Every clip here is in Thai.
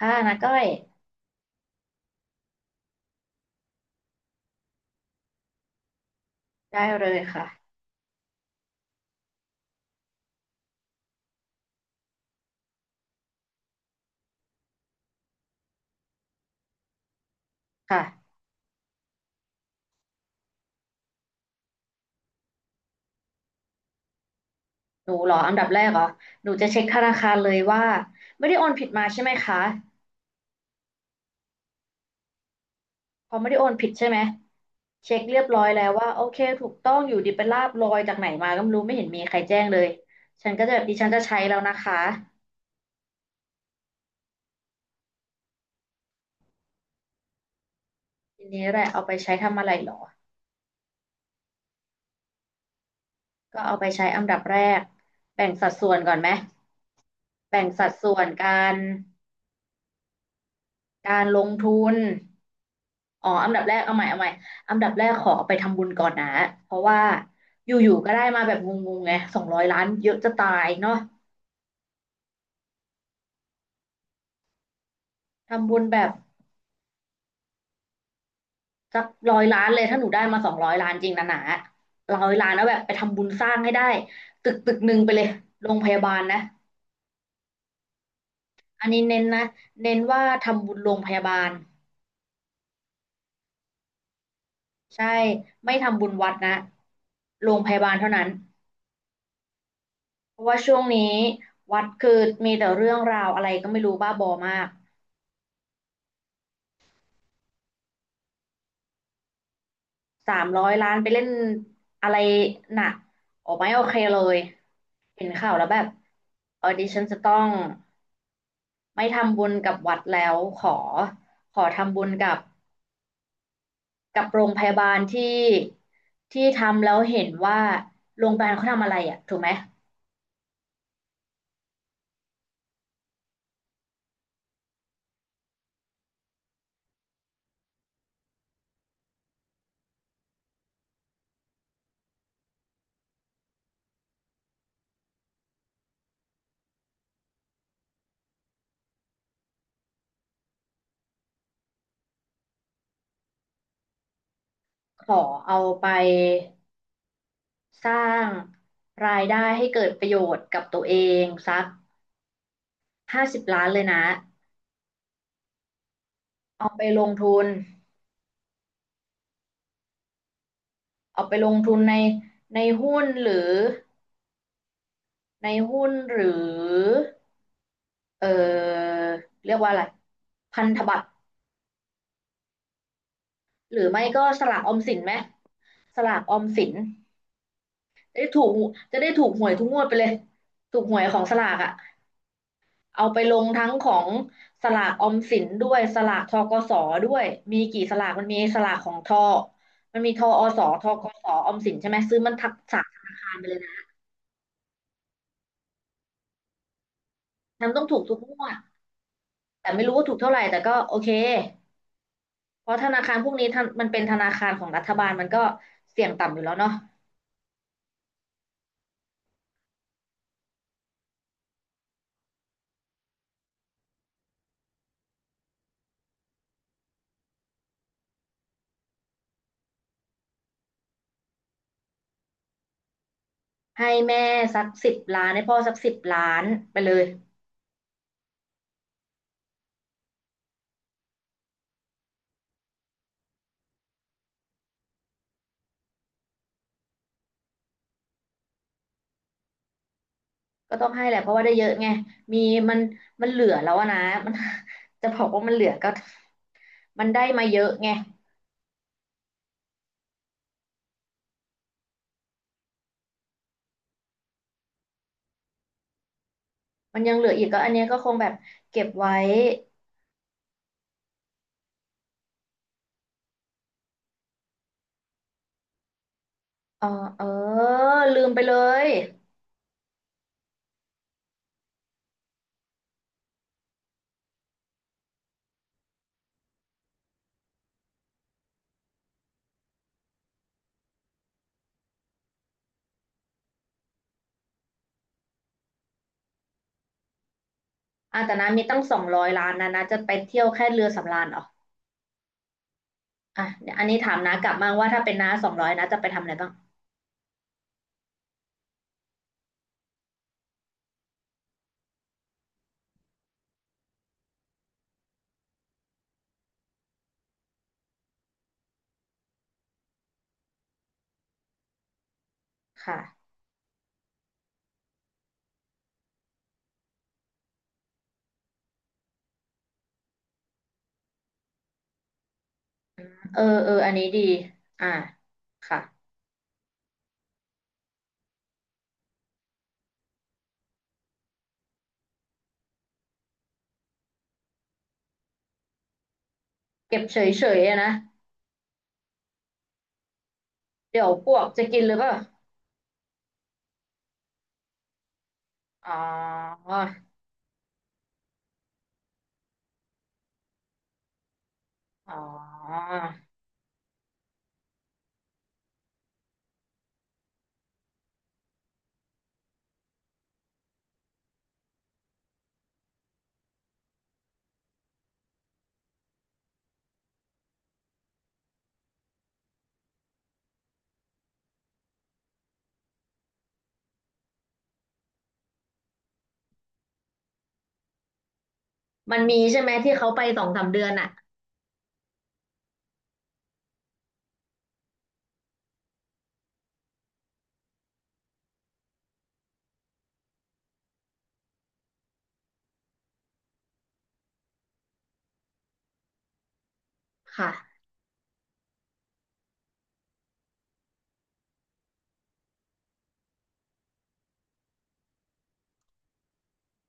อ่านะก้อยได้เลยค่ะค่ะหนูเหรออันดับแรกเหรอหนูจะเช็คธนาคารเลยว่าไม่ได้โอนผิดมาใช่ไหมคะพอไม่ได้โอนผิดใช่ไหมเช็คเรียบร้อยแล้วว่าโอเคถูกต้องอยู่ดีเป็นลาบลอยจากไหนมาก็ไม่รู้ไม่เห็นมีใครแจ้งเลยฉันก็จะแบบดิฉันจะใช้แล้วนะคะทีนี้แหละเอาไปใช้ทำอะไรเหรอก็เอาไปใช้อันดับแรกแบ่งสัดส่วนก่อนไหมแบ่งสัดส่วนรการลงทุน อ๋ออันดับแรกเอาใหม่อันดับแรกขอเอาไปทำบุญก่อนนะเพราะว่าอยู่ๆก็ได้มาแบบงงๆไงสองร้อยล้านเยอะจะตายเนาะทำบุญแบบสักร้อยล้านเลยถ้าหนูได้มาสองร้อยล้านจริงนะหนาร้อยล้านแล้วแบบไปทำบุญสร้างให้ได้ตึกหนึ่งไปเลยโรงพยาบาลนะอันนี้เน้นนะเน้นว่าทำบุญโรงพยาบาลใช่ไม่ทำบุญวัดนะโรงพยาบาลเท่านั้นเพราะว่าช่วงนี้วัดคือมีแต่เรื่องราวอะไรก็ไม่รู้บ้าบอมาก 300 ล้านไปเล่นอะไรหนะโอ้ไม่โอเคเลยเห็นข่าวแล้วแบบเออดิฉันจะต้องไม่ทำบุญกับวัดแล้วขอ ขอทำบุญกับโรงพยาบาลที่ทำแล้วเห็นว่าโรงพยาบาลเขาทำอะไรอ่ะถูกไหม ขอเอาไปสร้างรายได้ให้เกิดประโยชน์กับตัวเองสัก50 ล้านเลยนะ เอาไปลงทุน เอาไปลงทุนในหุ้นหรือ ในหุ้นหรือ เออเรียกว่าอะไรพันธบัตรหรือไม่ก็สลากออมสินไหมสลากออมสินจะได้ถูกจะได้ถูกหวยทุกงวดไปเลย ถูกหวยของสลากอ่ะ เอาไปลงทั้งของสลากออมสินด้วยสลากทกสด้วยมีกี่สลากมันมีสลากของทอมันมีทอสธกสออมสินใช่ไหมซื้อมันทักสามธนาคารไปเลยนะทำต้องถูกทุกงวดแต่ไม่รู้ว่าถูกเท่าไหร่แต่ก็โอเค เพราะธนาคารพวกนี้ทำมันเป็นธนาคารของรัฐบาลมันก็เสี่ยงต่ำอยู่แล้วเนาะให้แม่สักสิบล้านให้พ่อสักสิบล้านไปเลยก็ต้องให้แหละเพราะว่าได้เยอะไงมีมันมันเหลือแล้วอะนะมัน จะบอกว่ามันเหลือก็มันได้มาเยอะไงมันยังเหลืออีกก็อันเนี้ยก็คงแบบเก็บไว้เออเออลืมไปเลยอ่ะแต่นะมีตั้งสองร้อยล้านนะนะจะไปเที่ยวแค่เรือสำราญเหรออ่ะเดี๋ยวอันนี้ถามน้ากลับมาว่าถ้าเป็นน้าสองร้อยนะจะไปทำอะไรบ้างค่ะ เออเอออันนี้ดีอ่าค่ะเก็บเฉยเฉยนะเดี๋ยวพวกจะกินหรือเปล่าอ๋ออ๋อมันมีใช่ไหมที่เขาไป2-3 เดือนอ่ะค่ะ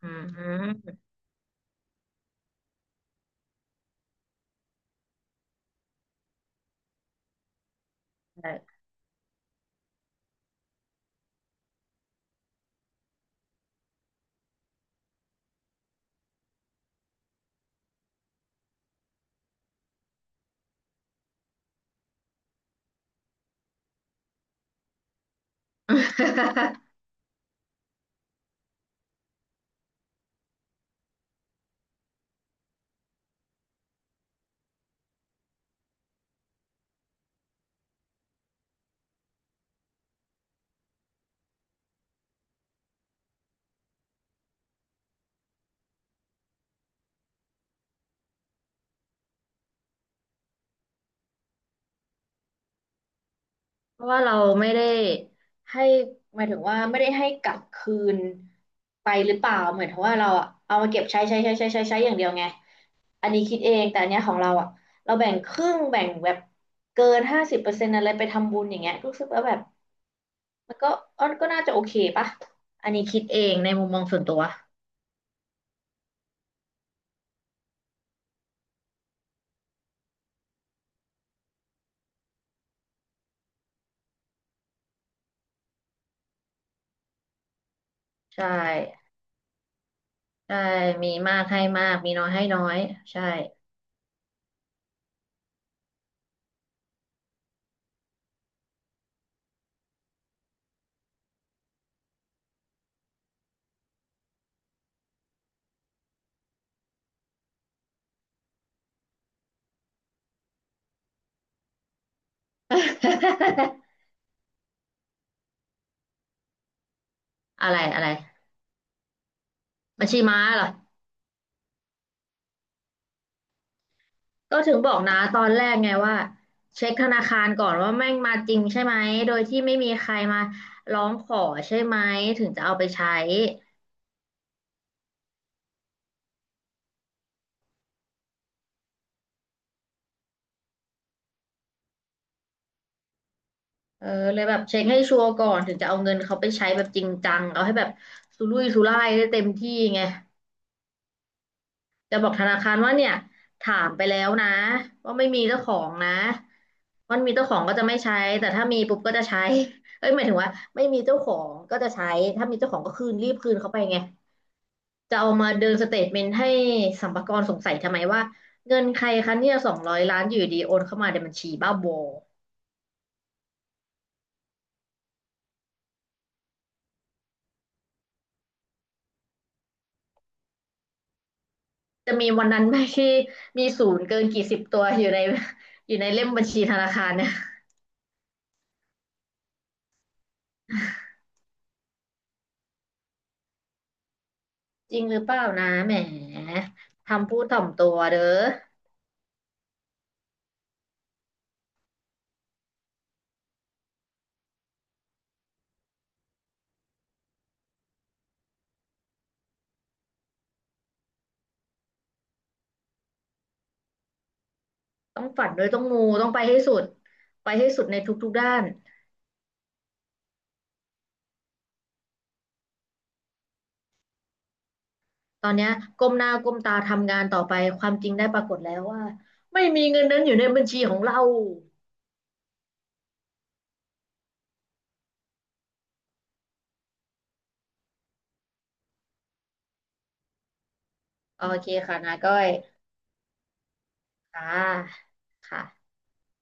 อืม เพราะว่าเราไม่ได้ให้หมายถึงว่าไม่ได้ให้กลับคืนไปหรือเปล่าเหมือนถึงว่าเราอะเอามาเก็บใช้อย่างเดียวไงอันนี้คิดเองแต่อันเนี้ยของเราอะเราแบ่งครึ่งแบ่งแบบเกิน50%อะไรไปทำบุญอย่างเงี้ยรู้สึกว่าแบบมันก็อันก็น่าจะโอเคปะอันนี้คิดเองในมุมมองส่วนตัวใช่ใช่มีมากให้มากมีน้อยให้น้อยใช่ อะไรอะไรบัญชีม้าเหรอ ก็ถึงบอกนะตอนแรกไงว่าเช็คธนาคารก่อนว่าแม่งมาจริงใช่ไหมโดยที่ไม่มีใครมาร้องขอใช่ไหมถึงจะเอาไปใช้เออเลยแบบเช็คให้ชัวร์ก่อนถึงจะเอาเงินเขาไปใช้แบบจริงจังเอาให้แบบสุรุ่ยสุร่ายได้เต็มที่ไงจะบอกธนาคารว่าเนี่ยถามไปแล้วนะว่าไม่มีเจ้าของนะมันมีเจ้าของก็จะไม่ใช้แต่ถ้ามีปุ๊บก็จะใช้เอ้ยหมายถึงว่าไม่มีเจ้าของก็จะใช้ถ้ามีเจ้าของก็คืนรีบคืนเขาไปไง จะเอามาเดินสเตทเมนต์ให้สรรพากรสงสัยทำไมว่าเงินใครคะเนี่ยสองร้อยล้านอยู่ดีโอนเข้ามาในบัญชีบ้าบอจะมีวันนั้นไหมที่มีศูนย์เกินกี่สิบตัวอยู่ใน อยู่ในเล่มบัญชีธนาคารเนี่ยจริงหรือเปล่านะแหมทำพูดถ่อมตัวเด้อต้องฝันด้วยต้องมูต้องไปให้สุดไปให้สุดในทุกๆด้านตอนเนี้ยก้มหน้าก้มตาทำงานต่อไปความจริงได้ปรากฏแล้วว่าไม่มีเงินนั้นอยู่ในบัญชีของเราโอเคค่ะนาก้อย อ่าค่ะ